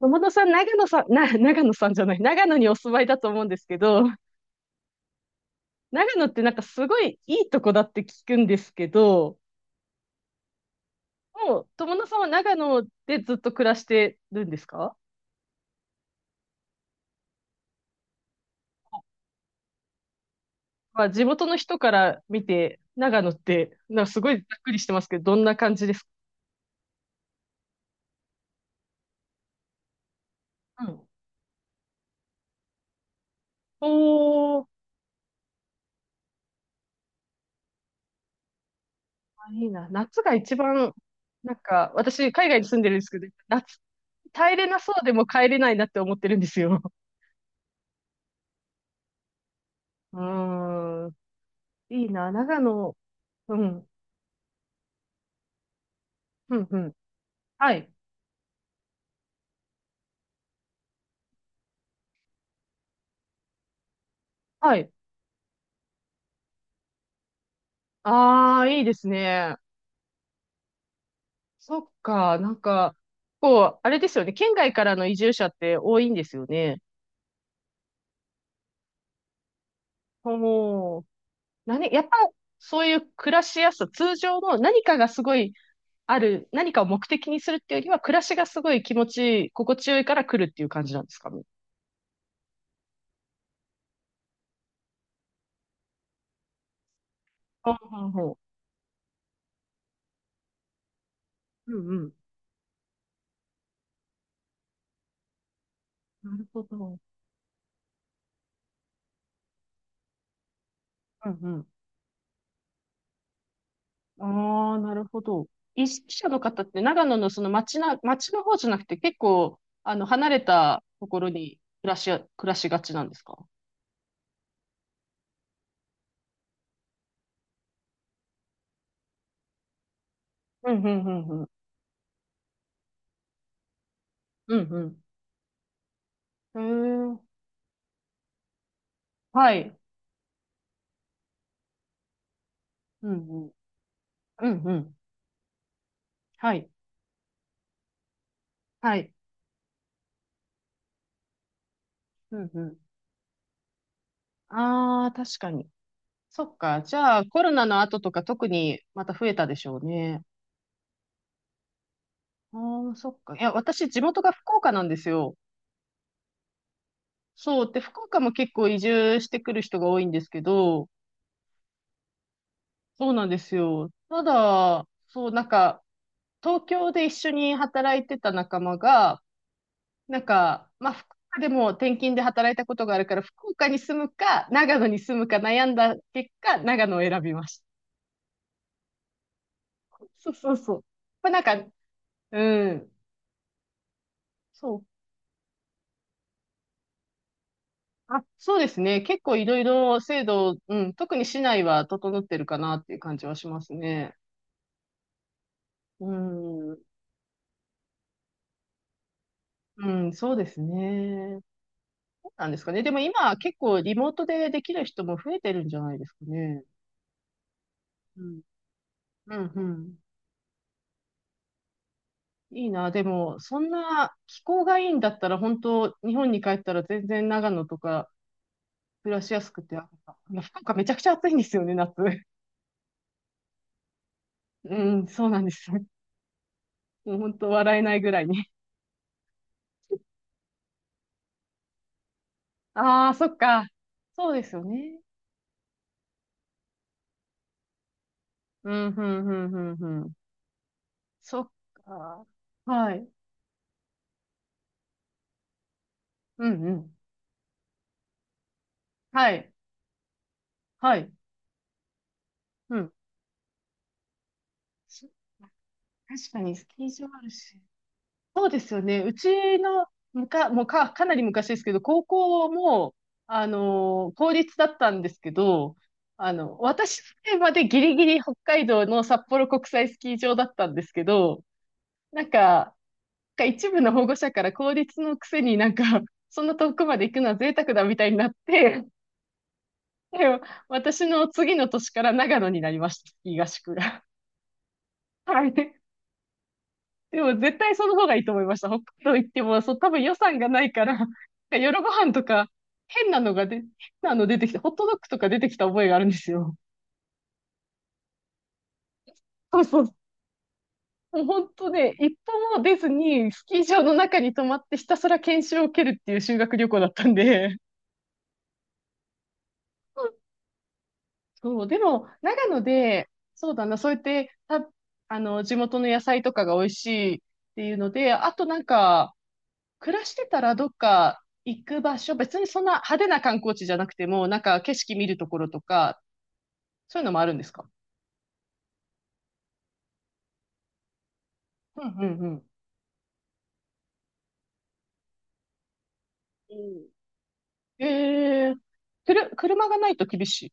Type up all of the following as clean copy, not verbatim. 友野さん、長野さん、長野さんじゃない、長野にお住まいだと思うんですけど、長野ってすごいいいとこだって聞くんですけど、もう友野さんは長野でずっと暮らしてるんですか？まあ、地元の人から見て、長野って、すごいざっくりしてますけど、どんな感じですか？うん。おー、あ、いいな。夏が一番、私、海外に住んでるんですけど、夏、耐えれなそうでも帰れないなって思ってるんですよ。うーん、いいな、長野。うん。うんうん。はい。はい。ああ、いいですね。そっか。あれですよね。県外からの移住者って多いんですよね。おー。何、やっぱ、そういう暮らしやすさ、通常の何かがすごい何かを目的にするっていうよりは、暮らしがすごい気持ちいい、心地よいから来るっていう感じなんですかね。ほうほうほう。うんうん。なるほど。うんうん。ああ、なるほど。意識者の方って長野の町の方じゃなくて結構、離れたところに暮らしがちなんですか？うん、うん、うん、うん。うん、うん、へえ、はい。うんうん。うんうん。はい。はい。うんうん。ああ、確かに。そっか。じゃあ、コロナの後とか特にまた増えたでしょうね。ああ、そっか。いや、私、地元が福岡なんですよ。そう。で、福岡も結構移住してくる人が多いんですけど、そうなんですよ。ただ、東京で一緒に働いてた仲間が、福岡でも転勤で働いたことがあるから、福岡に住むか、長野に住むか悩んだ結果、長野を選びました。そうそうそう。まあ、なんか、うん、そう。あ、そうですね。結構いろいろ制度、うん、特に市内は整ってるかなっていう感じはしますね。うん、うん、そうですね。なんですかね。でも今結構リモートでできる人も増えてるんじゃないですかね。うん。うん、うん。いいな。でも、そんな気候がいいんだったら、本当日本に帰ったら全然長野とか暮らしやすくて、あ、いや福岡めちゃくちゃ暑いんですよね、夏。うん、そうなんですよ。もう本当笑えないぐらいに。ああ、そっか。そうですよね。うん、うん、うん、うん、うん。そっか。はい。うん、うん。はい。はい。うん。確かにスキー場あるし。そうですよね。うちのむか、もうか、かなり昔ですけど、高校も、公立だったんですけど、私のまでギリギリ北海道の札幌国際スキー場だったんですけど、なんか、なんか一部の保護者から公立のくせになんか、そんな遠くまで行くのは贅沢だみたいになって、でも私の次の年から長野になりました、スキー合宿が。はい。でも絶対その方がいいと思いました。北海道行っても、そう、多分予算がないから、夜ご飯とか、変なの出てきて、ホットドッグとか出てきた覚えがあるんですよ。そうそう。もう本当ね、一歩も出ずに、スキー場の中に泊まってひたすら研修を受けるっていう修学旅行だったんで。そう、でも、長野で、そうだな、そうやって、た、あの、地元の野菜とかが美味しいっていうので、あと暮らしてたらどっか行く場所、別にそんな派手な観光地じゃなくても、なんか景色見るところとか、そういうのもあるんですか？うんうんうん。ん。ええー、車がないと厳しい。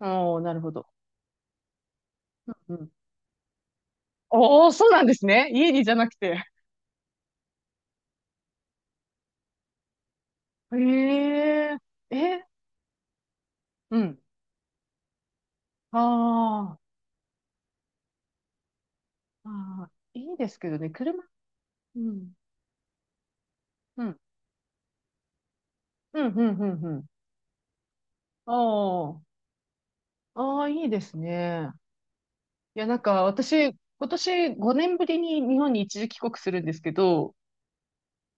おー、なるほど。うんうん。おー、そうなんですね。家にじゃなくて。ええー、え、うん。あー、あー、いいですけどね、車。うん。うん。うん、うん、うん、うん。ああ、ああ、いいですね。いや、なんか私、今年5年ぶりに日本に一時帰国するんですけど、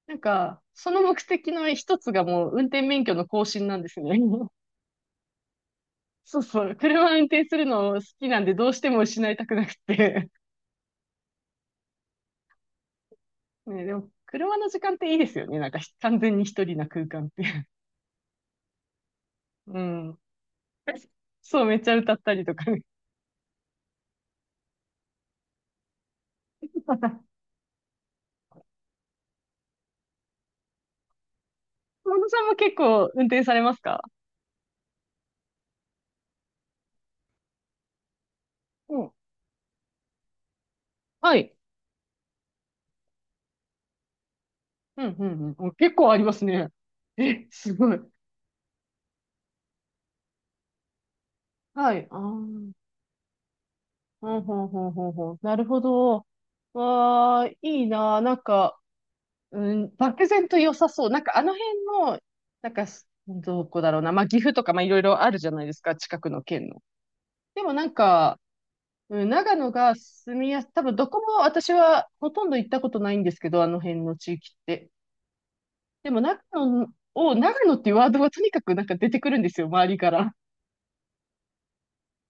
なんか、その目的の一つがもう運転免許の更新なんですね。そうそう。車運転するの好きなんでどうしても失いたくなくて。ね、でも、車の時間っていいですよね。なんかひ完全に一人な空間って。うん。そう、めっちゃ歌ったりとかね。小野さんも結構運転されますか？うん。はい。うん、うん、うん。お、結構ありますね。え、すごい。はい。ああ。うん、ほんほんほんほん。なるほど。わあ、いいなあ。うん、漠然と良さそう。なんかあの辺の、どこだろうな。まあ、岐阜とか、まあ、いろいろあるじゃないですか。近くの県の。でもなんか、うん、長野が住みやす、多分どこも私はほとんど行ったことないんですけど、あの辺の地域って。でも長野っていうワードはとにかくなんか出てくるんですよ、周りから。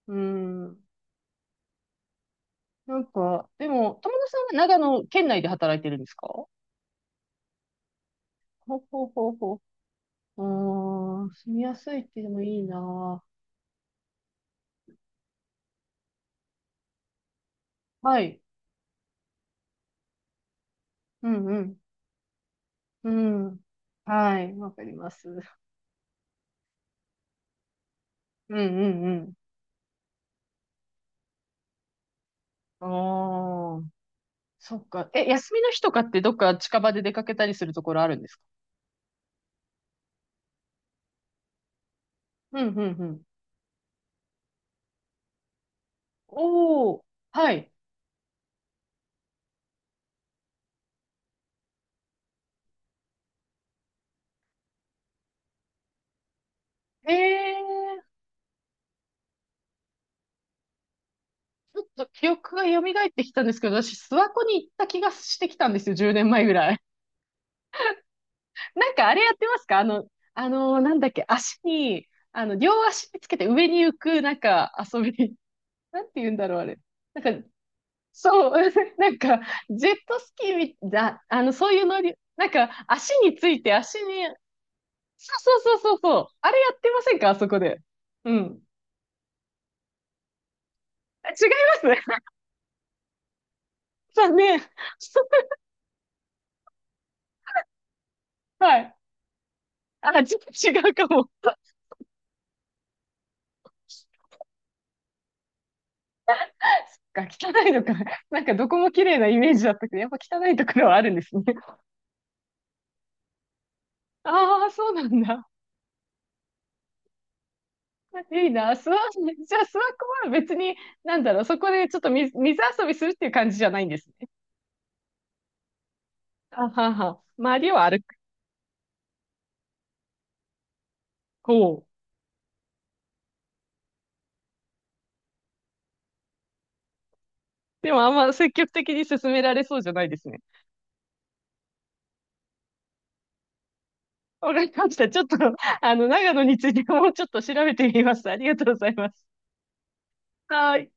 うん。なんか、でも、友野さんは長野県内で働いてるんですか？ほうほうほうほう。ああ、住みやすいってでもいいな。はい。うんうん。うん。はい。わかります。うんうんうん。ああ、そっか。え、休みの日とかってどっか近場で出かけたりするところあるんですか？うんうんうん。おお、はい。ええ、ちょっと記憶が蘇ってきたんですけど、私、諏訪湖に行った気がしてきたんですよ、10年前ぐらい。なんかあれやってますか？あのなんだっけ、足に、あの、両足につけて上に浮く、なんか遊び、なんて言うんだろう、あれ。なんか、そう、なんか、ジェットスキーみだ、あの、そういう乗り、なんか、足について、足に、そうそうそうそう、そう、あれやってませんか、あそこで。うん。あ、違います。 残念。はい。あ、ちょっと違うかも。そっか、汚いのか。なんかどこも綺麗なイメージだったけど、やっぱ汚いところはあるんですね。ああ、そうなんだ。いいな。じゃあスワコは別に、なんだろう、そこでちょっと水、水遊びするっていう感じじゃないんです。あはは。周りを歩く。ほう。でもあんま積極的に進められそうじゃないですね。わかりました。ちょっと、あの、長野についてもうちょっと調べてみます。ありがとうございます。はい。